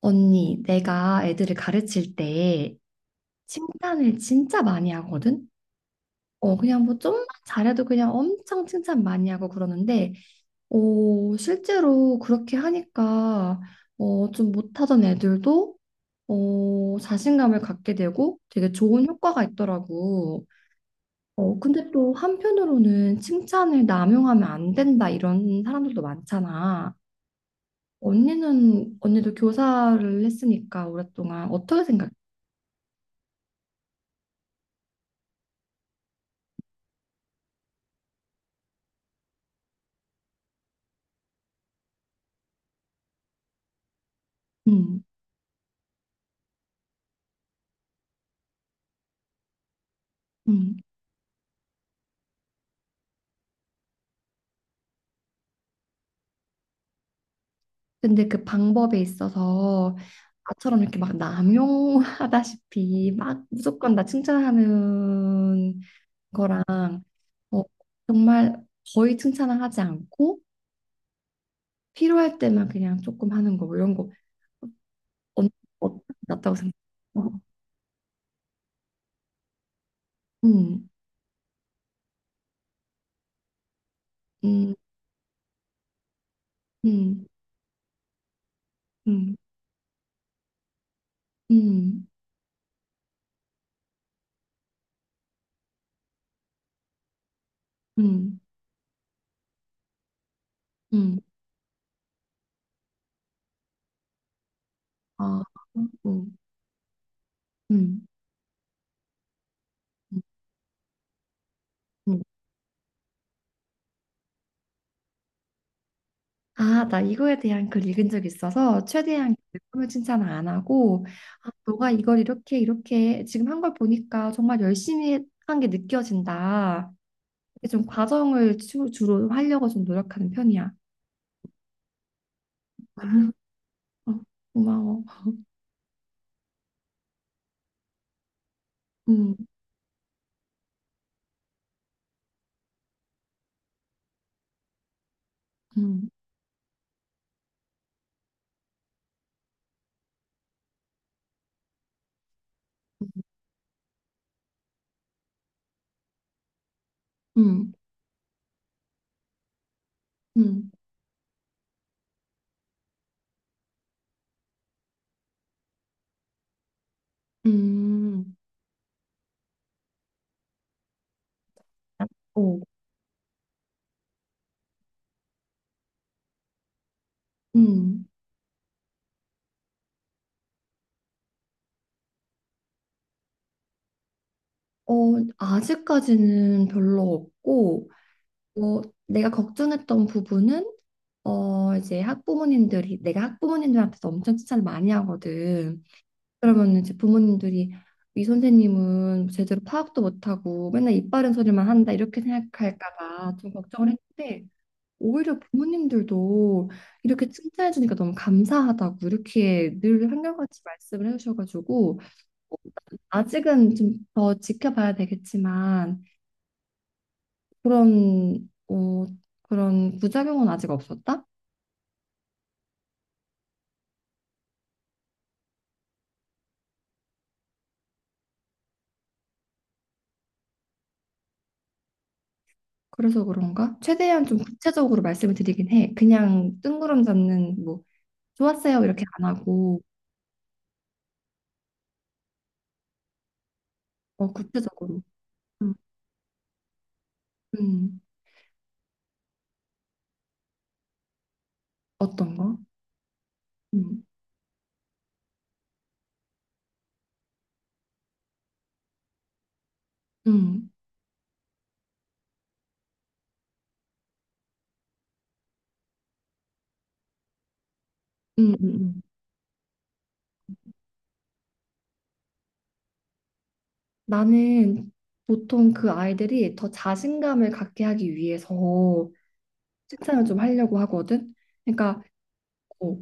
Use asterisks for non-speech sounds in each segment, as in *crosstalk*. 언니, 내가 애들을 가르칠 때 칭찬을 진짜 많이 하거든? 그냥 뭐 좀만 잘해도 그냥 엄청 칭찬 많이 하고 그러는데, 실제로 그렇게 하니까, 좀 못하던 애들도, 자신감을 갖게 되고 되게 좋은 효과가 있더라고. 근데 또 한편으로는 칭찬을 남용하면 안 된다, 이런 사람들도 많잖아. 언니도 교사를 했으니까 오랫동안 어떻게 생각해? 음. 근데 그 방법에 있어서 나처럼 이렇게 막 남용하다시피 막 무조건 나 칭찬하는 거랑 어, 정말 거의 칭찬을 하지 않고 필요할 때만 그냥 조금 하는 거 뭐 이런 거 언- 어, 낫다고 생각해. 어. 음, 음, 음, 음, 음, 음, 음, 아, 음, 음, 음, 음. 아, 나 이거에 대한 글 읽은 적 있어서 최대한 내품을 칭찬을 안 하고 너가 이걸 이렇게 이렇게 지금 한 걸 보니까 정말 열심히 한 게 느껴진다. 이게 좀 과정을 주로 하려고 좀 노력하는 편이야. *laughs* 어, 고마워. 음, 음, 음, 음, 음. 음. 어, 음. 어, 아직까지는 별로 없고, 어, 내가 걱정했던 부분은 이제 학부모님들이 내가 학부모님들한테도 엄청 칭찬을 많이 하거든. 그러면 이제 부모님들이 이 선생님은 제대로 파악도 못하고 맨날 입 바른 소리만 한다 이렇게 생각할까 봐 좀 걱정을 했는데 오히려 부모님들도 이렇게 칭찬해 주니까 너무 감사하다고 이렇게 늘 한결같이 말씀을 해 주셔가지고 어, 아직은 좀 더 지켜봐야 되겠지만 그런, 어, 그런 부작용은 아직 없었다? 그래서 그런가? 최대한 좀 구체적으로 말씀을 드리긴 해. 그냥 뜬구름 잡는, 뭐, 좋았어요, 이렇게 안 하고, 구체적으로. 음, 음. 어떤 거? 음, 음, 음. 나는 보통 그 아이들이 더 자신감을 갖게 하기 위해서 칭찬을 좀 하려고 하거든? 그러니까, 어,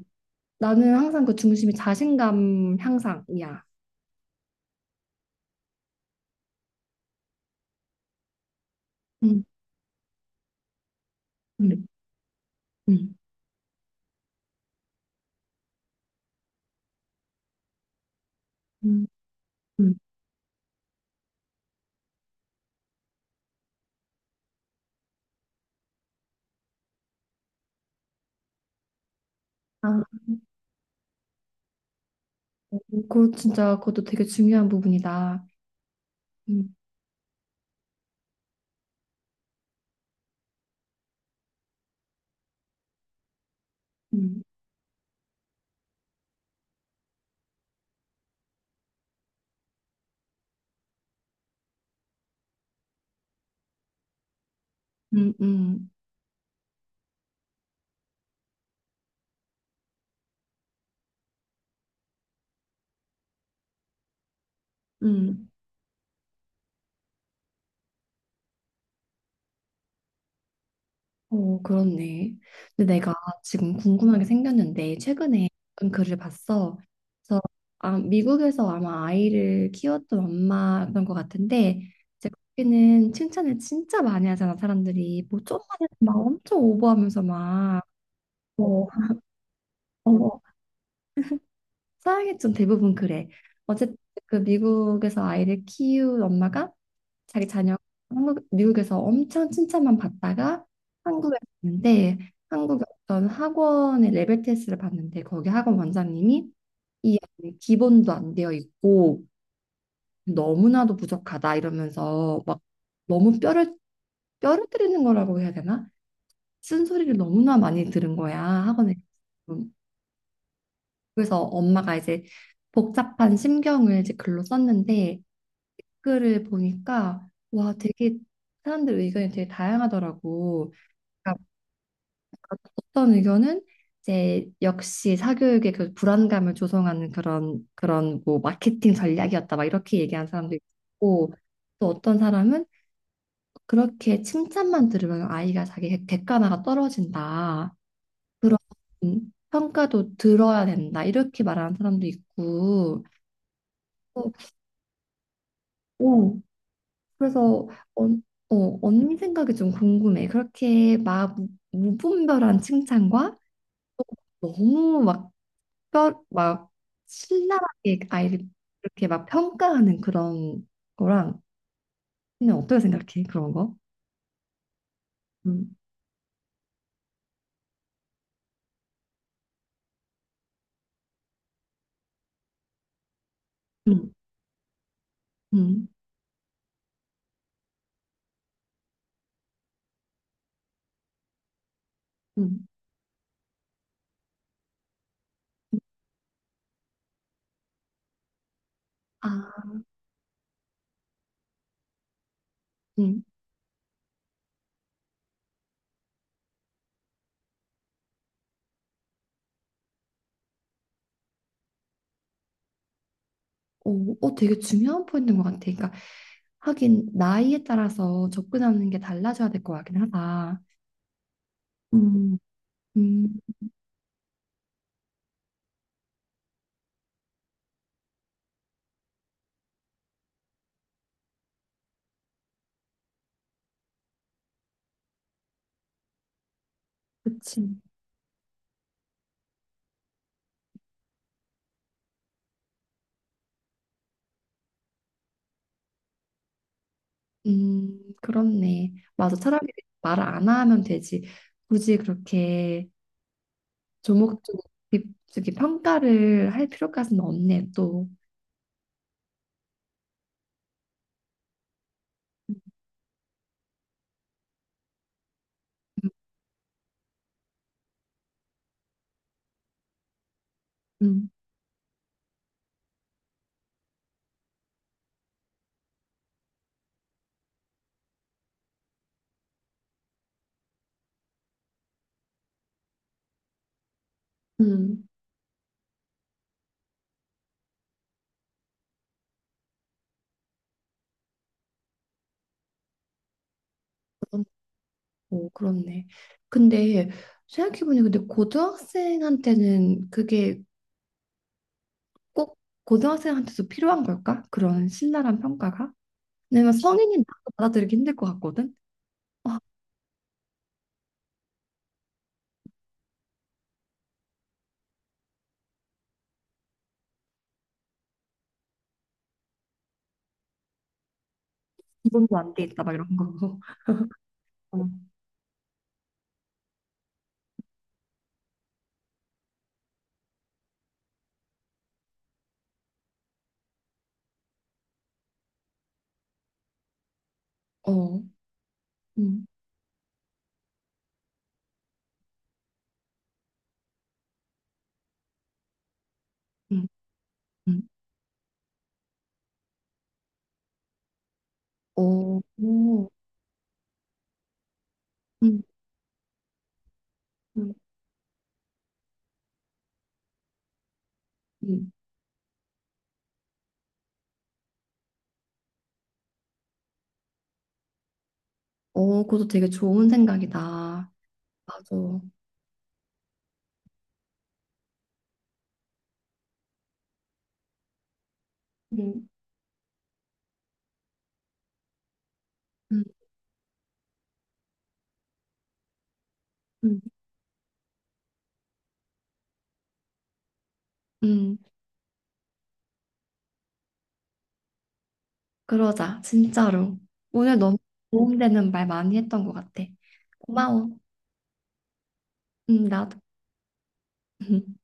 나는 항상 그 중심이 자신감 향상이야. 음, 음, 음. 음. 음. 아, 그거 진짜 그것도 되게 중요한 부분이다. 음, 음, 음, 음, 음. 그렇네. 근데 내가 지금 궁금한 게 생겼는데 최근에 어떤 글을 봤어. 그래서 아, 미국에서 아마 아이를 키웠던 엄마였던 것 같은데 이제 거기는 칭찬을 진짜 많이 하잖아 사람들이 뭐 좀만 해도 막 엄청 오버하면서 막, 어, 어, 서양이 좀 대부분 그래. 어쨌든 그 미국에서 아이를 키운 엄마가 자기 자녀 한국 미국에서 엄청 칭찬만 받다가 한국에 왔는데 한국의 어떤 학원의 레벨 테스트를 봤는데 거기 학원 원장님이 이 아이는 기본도 안 되어 있고 너무나도 부족하다 이러면서 막 너무 뼈를 때리는 거라고 해야 되나? 쓴소리를 너무나 많이 들은 거야 학원에. 그래서 엄마가 이제 복잡한 심경을 이제 글로 썼는데 글을 보니까 와 되게 사람들 의견이 되게 다양하더라고. 그러니까 어떤 의견은 이제 역시 사교육의 그 불안감을 조성하는 그런 뭐 마케팅 전략이었다 막 이렇게 얘기한 사람도 있고 또 어떤 사람은 그렇게 칭찬만 들으면 아이가 자기 객관화가 떨어진다. 그런 평가도 들어야 된다. 이렇게 말하는 사람도 있고 어, 그래서 언, 언니 생각이 좀 궁금해. 그렇게 막 무분별한 칭찬과 너무 막 신랄하게 아이를 그렇게 막 평가하는 그런 거랑 언니 어떻게 생각해? 그런 거? 음, 음, 음, 음. 아, 음. 어, 어, 되게 중요한 포인트인 것 같아. 그러니까 하긴 나이에 따라서 접근하는 게 달라져야 될 것 같긴 하다. 음, 음, 그치. 그렇네. 맞아. 차라리 말을 안 하면 되지. 굳이 그렇게 조목조목 저기 평가를 할 필요까지는 없네, 또. 음, 음, 음. 오, 그렇네. 근데 생각해보니 근데 고등학생한테는 그게 꼭 고등학생한테도 필요한 걸까? 그런 신랄한 평가가? 왜냐면 성인이 나도 받아들이기 힘들 것 같거든. 아, 기본도 안 돼 있다 막 이런 거. 어, 어, 음, 음, 음. 어, 오, 음, 음, 음. 그것도 되게 좋은 생각이다. 맞아. 음, 음, 음, 음. 그러자, 진짜로. 오늘 너무 도움되는 말 많이 했던 것 같아. 고마워. 나도. *laughs*